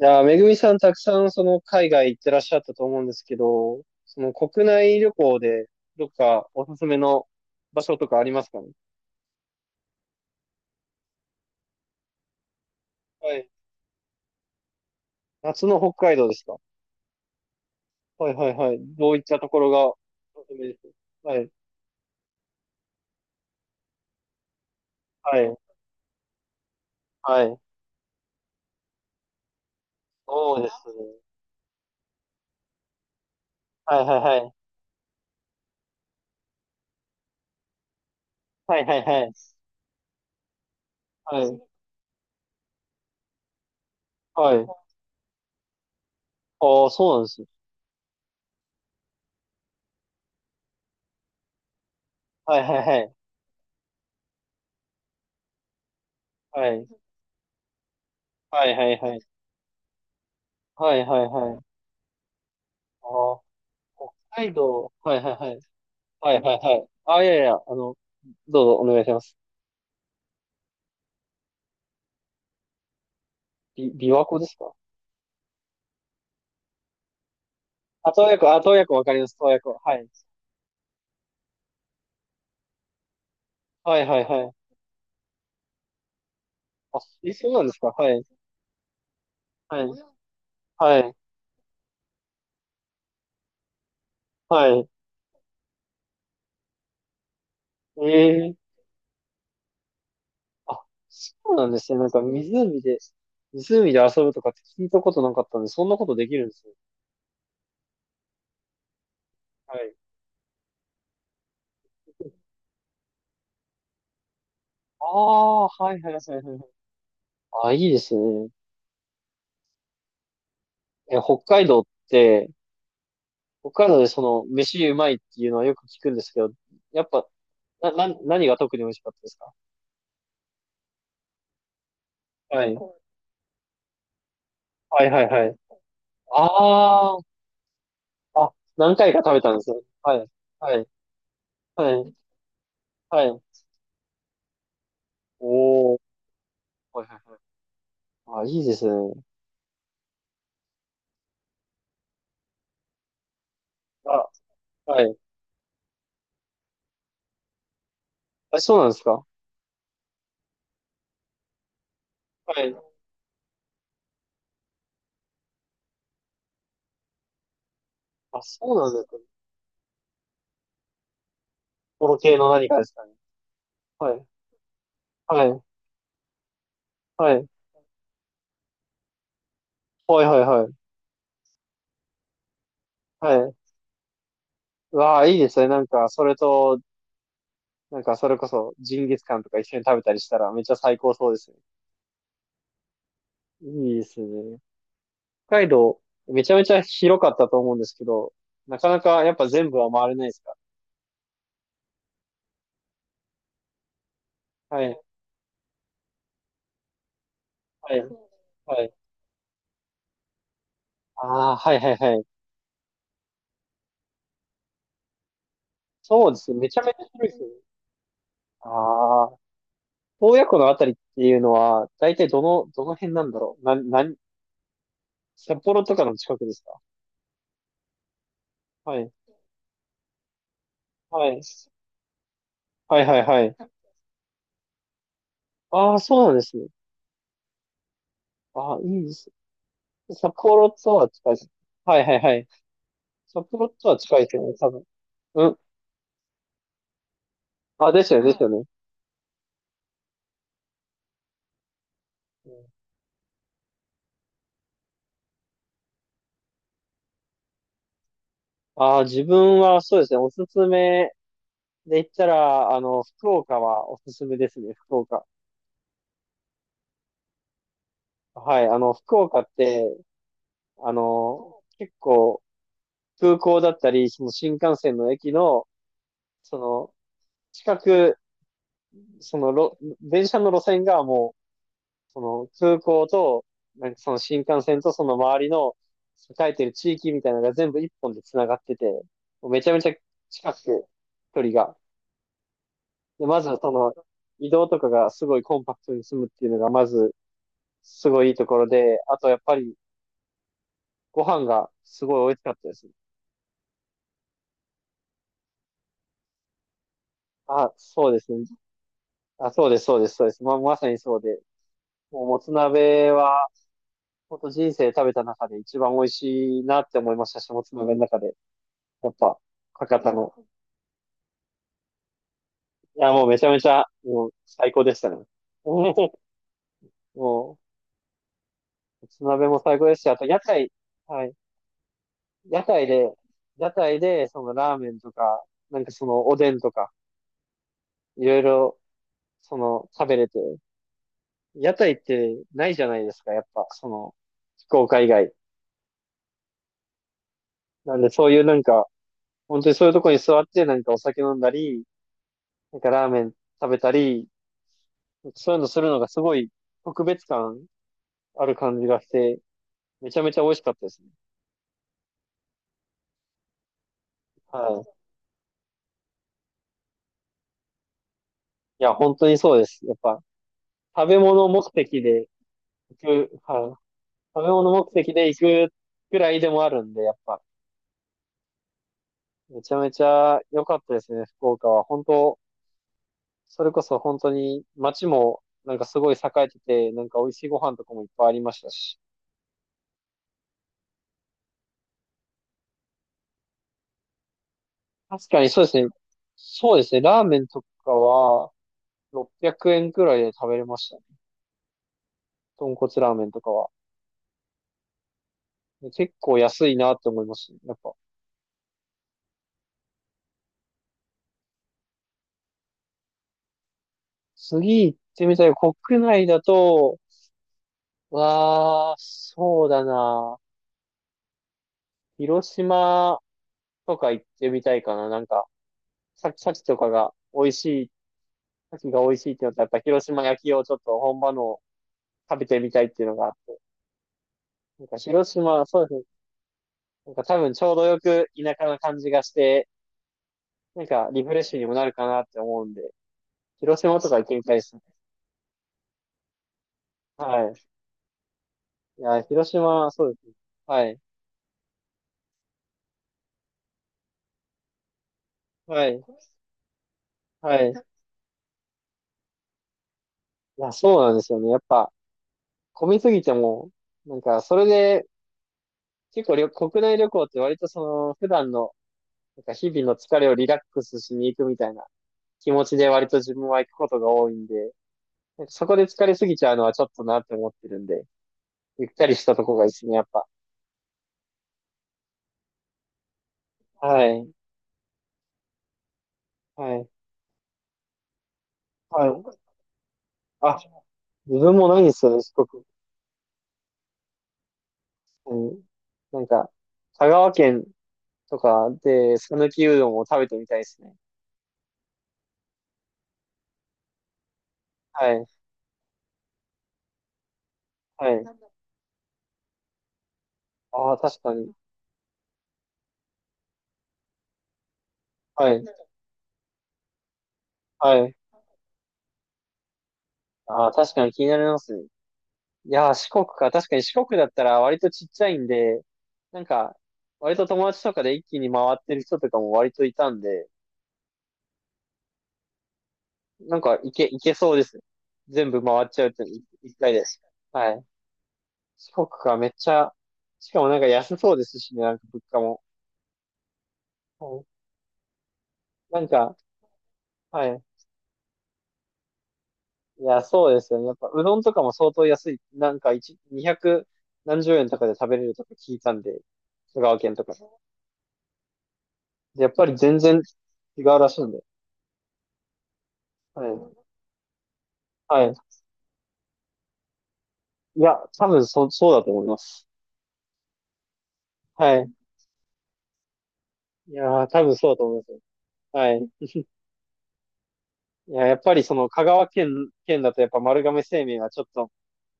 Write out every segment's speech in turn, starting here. いやー、めぐみさんたくさんその海外行ってらっしゃったと思うんですけど、その国内旅行でどっかおすすめの場所とかありますかね。はい。夏の北海道ですか。はいはいはい。どういったところがおすすめです。はい。はい。はい。そうですね。はいはいはい。はいはいはい。はい。はい。ああ、そうなんですね。はいはいはい。はい。はいはいはい。はいはいはい。ああ、北海道。はいはいはい。はいはいはい。ああ、いやいや、あの、どうぞお願いします。琵琶湖ですか。あ、洞爺湖、あ、洞爺湖わかります、洞爺湖。はい。はいはいはい。あ、え、そうなんですか。はい。はい。はい。はい。ええ。あ、そうなんですね。なんか湖で、湖で遊ぶとかって聞いたことなかったんで、そんなことできるんですね。はい。ああ、はいはいはいはいはい。あ、いいですね。え、北海道って、北海道でその、飯うまいっていうのはよく聞くんですけど、やっぱ、何が特に美味しかったですか。はい。はいはいはい。ああ、何回か食べたんですよ。はい。はい。はい。はい。おー。はいはいはい。あ、いいですね。あ、はい。あ、そうなんですか。はい。あ、そうなんですね。とろ系の何かですかね。はい。はい。はい。はいはいはい。はい。うわあ、いいですね。なんか、それと、なんか、それこそ、ジンギスカンとか一緒に食べたりしたら、めっちゃ最高そうですね。いいですね。北海道、めちゃめちゃ広かったと思うんですけど、なかなかやっぱ全部は回れないですか。はい。はい。はい。ああ、はいはいはい。そうですね。めちゃめちゃ広いですよね。ああ、洞爺湖のあたりっていうのは、大体どの、どの辺なんだろう。な、なん、札幌とかの近くですか。はい。はい。はいはいはい。ああ、そうなんですね。ああ、いいですね。札幌とは近いです。はいはいはい。札幌とは近いですよね、多分。うん。あ、ですよね、ですよね。ああー、自分はそうですね、おすすめで言ったら、あの、福岡はおすすめですね、福岡。はい、あの、福岡って、あの、結構、空港だったり、その新幹線の駅の、その、近く、そのろ、電車の路線がもう、その空港と、なんかその新幹線とその周りの栄えてる地域みたいなのが全部一本で繋がってて、もうめちゃめちゃ近くて、距離が。で、まずはその、移動とかがすごいコンパクトに済むっていうのが、まず、すごいいいところで、あとやっぱり、ご飯がすごい美味しかったです。あ、そうですね。あ、そうです、そうです、そうです。まさにそうで。もう、もつ鍋は、本当人生食べた中で一番美味しいなって思いましたし、もつ鍋の中で。やっぱ、博多の。いや、もうめちゃめちゃ、もう、最高でしたね。ももつ鍋も最高ですし、あと、屋台、はい。屋台で、屋台で、その、ラーメンとか、なんかその、おでんとか、いろいろ、その、食べれて、屋台ってないじゃないですか、やっぱ、その、福岡以外。なんで、そういうなんか、本当にそういうとこに座って何かお酒飲んだり、なんかラーメン食べたり、そういうのするのがすごい特別感ある感じがして、めちゃめちゃ美味しかったですね。はい。いや、本当にそうです。やっぱ、食べ物目的で行く、はい。食べ物目的で行くくらいでもあるんで、やっぱ、めちゃめちゃ良かったですね、福岡は。本当、それこそ本当に街もなんかすごい栄えてて、なんか美味しいご飯とかもいっぱいありましたし。確かにそうですね。そうですね。ラーメンとかは、600円くえんくらいで食べれましたね。豚骨ラーメンとかは。結構安いなって思いますね。やっぱ。次行ってみたい。国内だと、わあ、そうだな。広島とか行ってみたいかな。なんか、さきとかが美味しい、さきが美味しいってなったら、やっぱ広島焼きをちょっと本場のを食べてみたいっていうのがあって。なんか広島、そうですね。なんか多分ちょうどよく田舎な感じがして、なんか、リフレッシュにもなるかなって思うんで、広島とか行ってみたいですね。はい。いや、広島、そうですね。はい。はい。はい。いや、そうなんですよね。やっぱ、混みすぎても、なんか、それで、結構旅、国内旅行って割とその、普段の、なんか日々の疲れをリラックスしに行くみたいな気持ちで割と自分は行くことが多いんで、なんかそこで疲れすぎちゃうのはちょっとなって思ってるんで、ゆったりしたとこがいいですね、やっぱ。はい。はい。はい。あ、自分もないんですよね、四国。うん。なんか、香川県とかで、讃岐うどんを食べてみたいですね。はい。はい。ああ、確かに。はい。はい。ああ、確かに気になりますね。いやー、四国か。確かに四国だったら割とちっちゃいんで、なんか、割と友達とかで一気に回ってる人とかも割といたんで、なんか、いけそうですね。全部回っちゃうって一一回です。はい。四国か、めっちゃ、しかもなんか安そうですしね、なんか物価も。うん。なんか、はい。いや、そうですよね。やっぱ、うどんとかも相当安い。なんか、一、200何十円とかで食べれるとか聞いたんで、香川県とか。でやっぱり全然違うらしいんで。はい。はい。いや、多分そ、そうだと思います。はい。いやー、多分そうだと思いますよ。はい。いや、やっぱりその、香川県、県だとやっぱ丸亀製麺はちょっと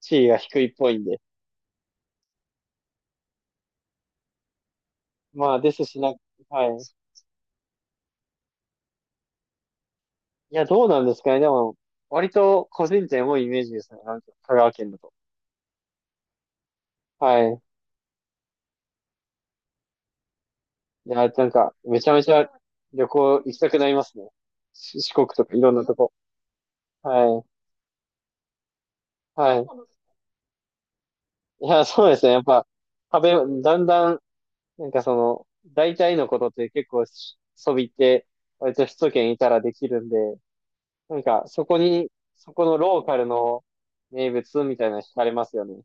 地位が低いっぽいんで。まあ、ですしな、はい。いや、どうなんですかね。でも、割と個人店多いイメージですね。なんか香川県だと。はい。いや、なんか、めちゃめちゃ旅行行きたくなりますね。四国とかいろんなとこ。はい。はい。いや、そうですね。やっぱ、食べ、だんだん、なんかその、大体のことって結構し、そびって、割と首都圏いたらできるんで、なんか、そこに、そこのローカルの名物みたいなの惹かれますよね。